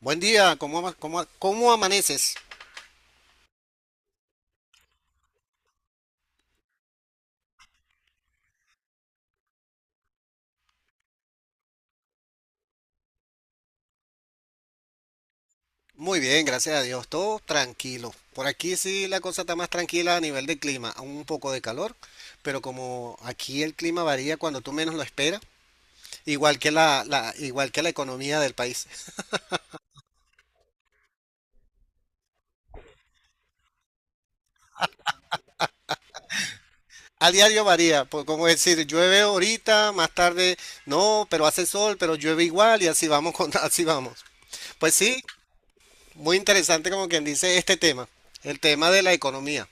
Buen día, ¿cómo amaneces? Muy bien, gracias a Dios, todo tranquilo. Por aquí sí la cosa está más tranquila a nivel de clima, un poco de calor, pero como aquí el clima varía cuando tú menos lo esperas, igual que la economía del país. A diario varía, por, como decir, llueve ahorita, más tarde no, pero hace sol, pero llueve igual y así vamos. Pues sí, muy interesante como quien dice este tema, el tema de la economía.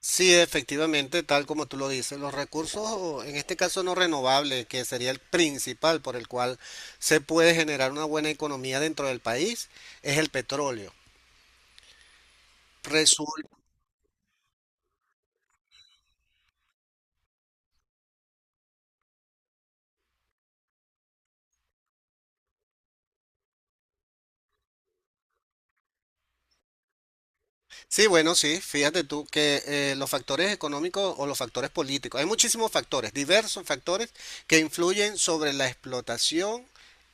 Sí, efectivamente, tal como tú lo dices, los recursos, en este caso no renovables, que sería el principal por el cual se puede generar una buena economía dentro del país, es el petróleo. Sí, bueno, sí, fíjate tú que los factores económicos o los factores políticos, hay muchísimos factores, diversos factores que influyen sobre la explotación,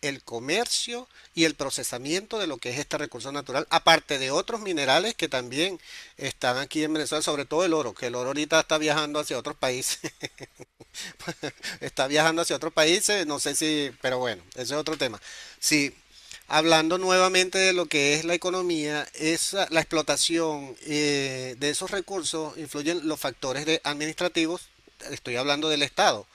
el comercio y el procesamiento de lo que es este recurso natural, aparte de otros minerales que también están aquí en Venezuela, sobre todo el oro, que el oro ahorita está viajando hacia otros países, no sé si, pero bueno, ese es otro tema. Sí, hablando nuevamente de lo que es la economía, la explotación de esos recursos influyen los factores administrativos, estoy hablando del Estado,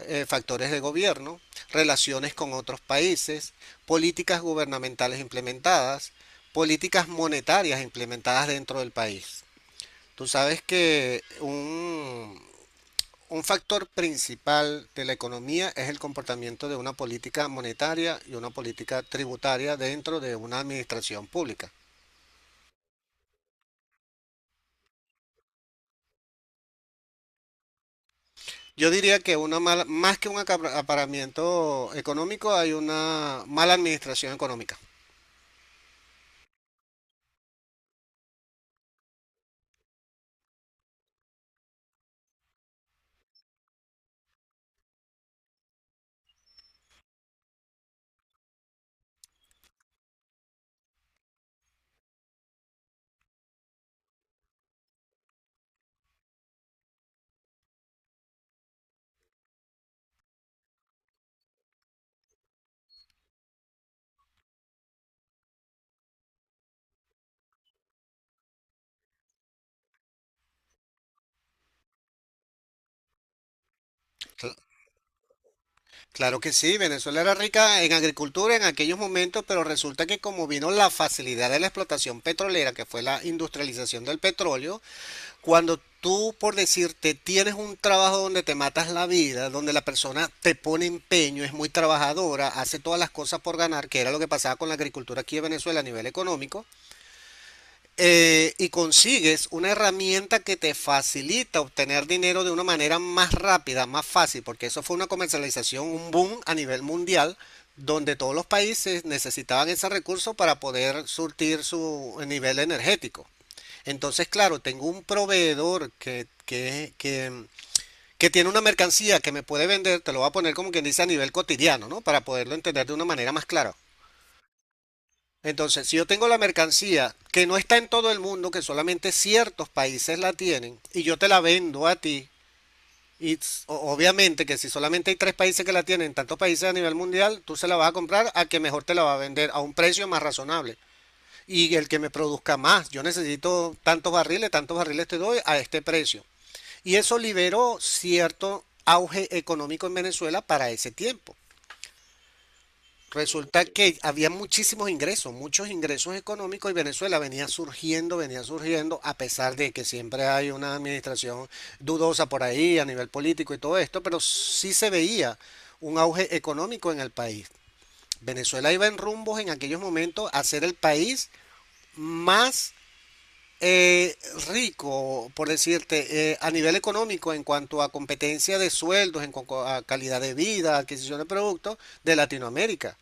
factores de gobierno, relaciones con otros países, políticas gubernamentales implementadas, políticas monetarias implementadas dentro del país. Tú sabes que un factor principal de la economía es el comportamiento de una política monetaria y una política tributaria dentro de una administración pública. Yo diría que una mala, más que un acaparamiento económico, hay una mala administración económica. Claro que sí, Venezuela era rica en agricultura en aquellos momentos, pero resulta que como vino la facilidad de la explotación petrolera, que fue la industrialización del petróleo. Cuando tú, por decirte, tienes un trabajo donde te matas la vida, donde la persona te pone empeño, es muy trabajadora, hace todas las cosas por ganar, que era lo que pasaba con la agricultura aquí en Venezuela a nivel económico, y consigues una herramienta que te facilita obtener dinero de una manera más rápida, más fácil, porque eso fue una comercialización, un boom a nivel mundial, donde todos los países necesitaban ese recurso para poder surtir su nivel energético. Entonces, claro, tengo un proveedor que tiene una mercancía que me puede vender, te lo voy a poner como quien dice a nivel cotidiano, ¿no? Para poderlo entender de una manera más clara. Entonces, si yo tengo la mercancía que no está en todo el mundo, que solamente ciertos países la tienen, y yo te la vendo a ti, y obviamente que si solamente hay tres países que la tienen, tantos países a nivel mundial, tú se la vas a comprar a que mejor te la va a vender a un precio más razonable. Y el que me produzca más, yo necesito tantos barriles te doy a este precio. Y eso liberó cierto auge económico en Venezuela para ese tiempo. Resulta que había muchísimos ingresos, muchos ingresos económicos y Venezuela venía surgiendo, a pesar de que siempre hay una administración dudosa por ahí a nivel político y todo esto, pero sí se veía un auge económico en el país. Venezuela iba en rumbos en aquellos momentos a ser el país más eh, rico, por decirte, a nivel económico en cuanto a competencia de sueldos, en cuanto a calidad de vida, adquisición de productos de Latinoamérica.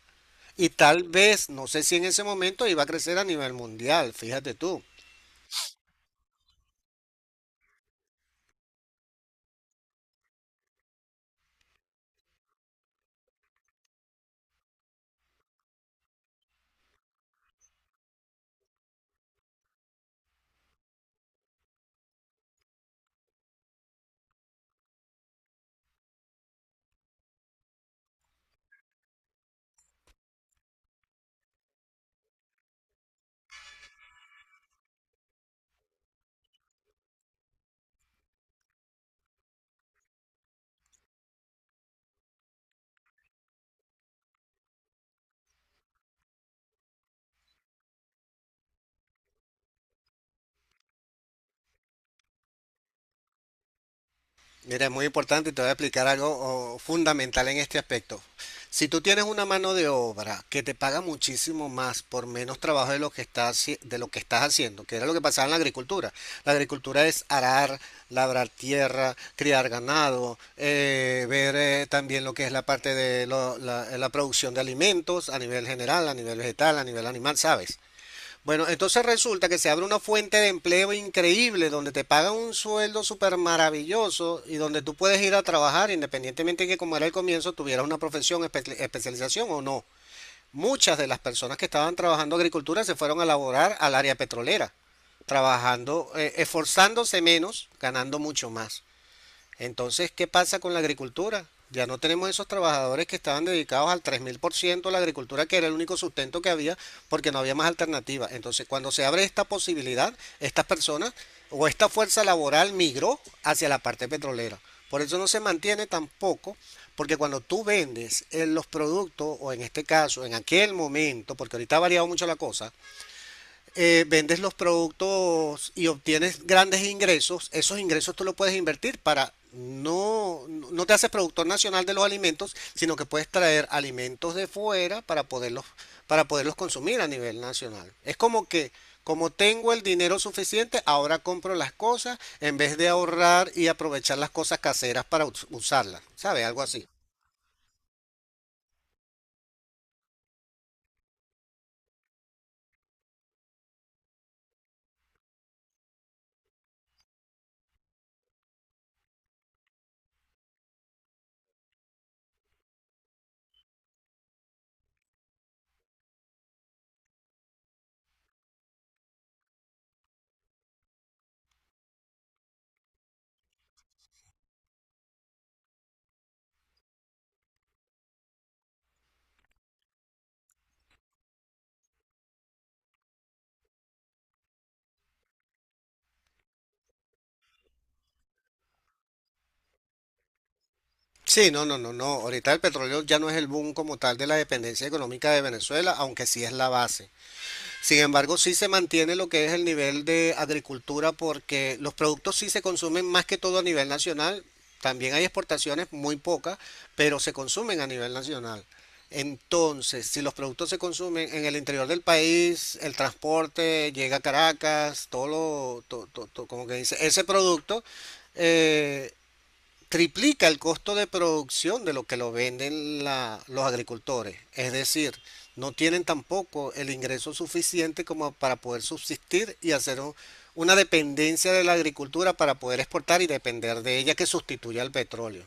Y tal vez, no sé si en ese momento iba a crecer a nivel mundial, fíjate tú. Mira, es muy importante y te voy a explicar algo oh, fundamental en este aspecto. Si tú tienes una mano de obra que te paga muchísimo más por menos trabajo de lo que estás haciendo, que era lo que pasaba en la agricultura. La agricultura es arar, labrar tierra, criar ganado, ver también lo que es la parte de la producción de alimentos a nivel general, a nivel vegetal, a nivel animal, ¿sabes? Bueno, entonces resulta que se abre una fuente de empleo increíble donde te pagan un sueldo súper maravilloso y donde tú puedes ir a trabajar independientemente de que como era el comienzo tuvieras una profesión, especialización o no. Muchas de las personas que estaban trabajando agricultura se fueron a laborar al área petrolera, trabajando, esforzándose menos, ganando mucho más. Entonces, ¿qué pasa con la agricultura? Ya no tenemos esos trabajadores que estaban dedicados al 3.000% a la agricultura, que era el único sustento que había, porque no había más alternativa. Entonces, cuando se abre esta posibilidad, estas personas o esta fuerza laboral migró hacia la parte petrolera. Por eso no se mantiene tampoco, porque cuando tú vendes en los productos, o en este caso, en aquel momento, porque ahorita ha variado mucho la cosa, vendes los productos y obtienes grandes ingresos, esos ingresos tú los puedes invertir para no, no te haces productor nacional de los alimentos, sino que puedes traer alimentos de fuera para poderlos, consumir a nivel nacional. Es como que, como tengo el dinero suficiente, ahora compro las cosas en vez de ahorrar y aprovechar las cosas caseras para usarlas, ¿sabes? Algo así. Sí, no, no, no, no. Ahorita el petróleo ya no es el boom como tal de la dependencia económica de Venezuela, aunque sí es la base. Sin embargo, sí se mantiene lo que es el nivel de agricultura porque los productos sí se consumen más que todo a nivel nacional. También hay exportaciones muy pocas, pero se consumen a nivel nacional. Entonces, si los productos se consumen en el interior del país, el transporte llega a Caracas, todo lo, to- to- to- como que dice, ese producto eh, triplica el costo de producción de lo que lo venden los agricultores. Es decir, no tienen tampoco el ingreso suficiente como para poder subsistir y hacer una dependencia de la agricultura para poder exportar y depender de ella que sustituya al petróleo.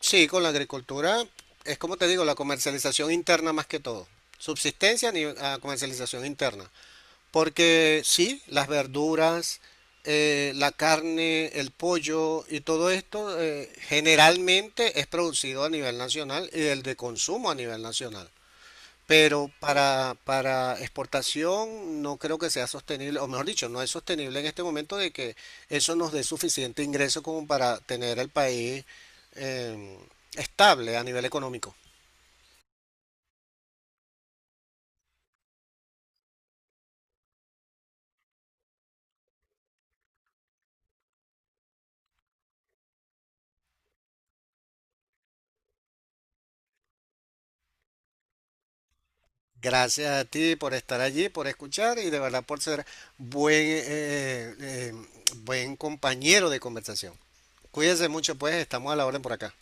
Sí, con la agricultura es como te digo, la comercialización interna más que todo. Subsistencia ni a comercialización interna. Porque sí, las verduras, la carne, el pollo y todo esto generalmente es producido a nivel nacional y el de consumo a nivel nacional. Pero para exportación no creo que sea sostenible, o mejor dicho, no es sostenible en este momento de que eso nos dé suficiente ingreso como para tener el país eh, estable a nivel económico. Gracias a ti por estar allí, por escuchar y de verdad por ser buen, eh, eh, eh, buen compañero de conversación. Cuídense mucho, pues estamos a la orden por acá.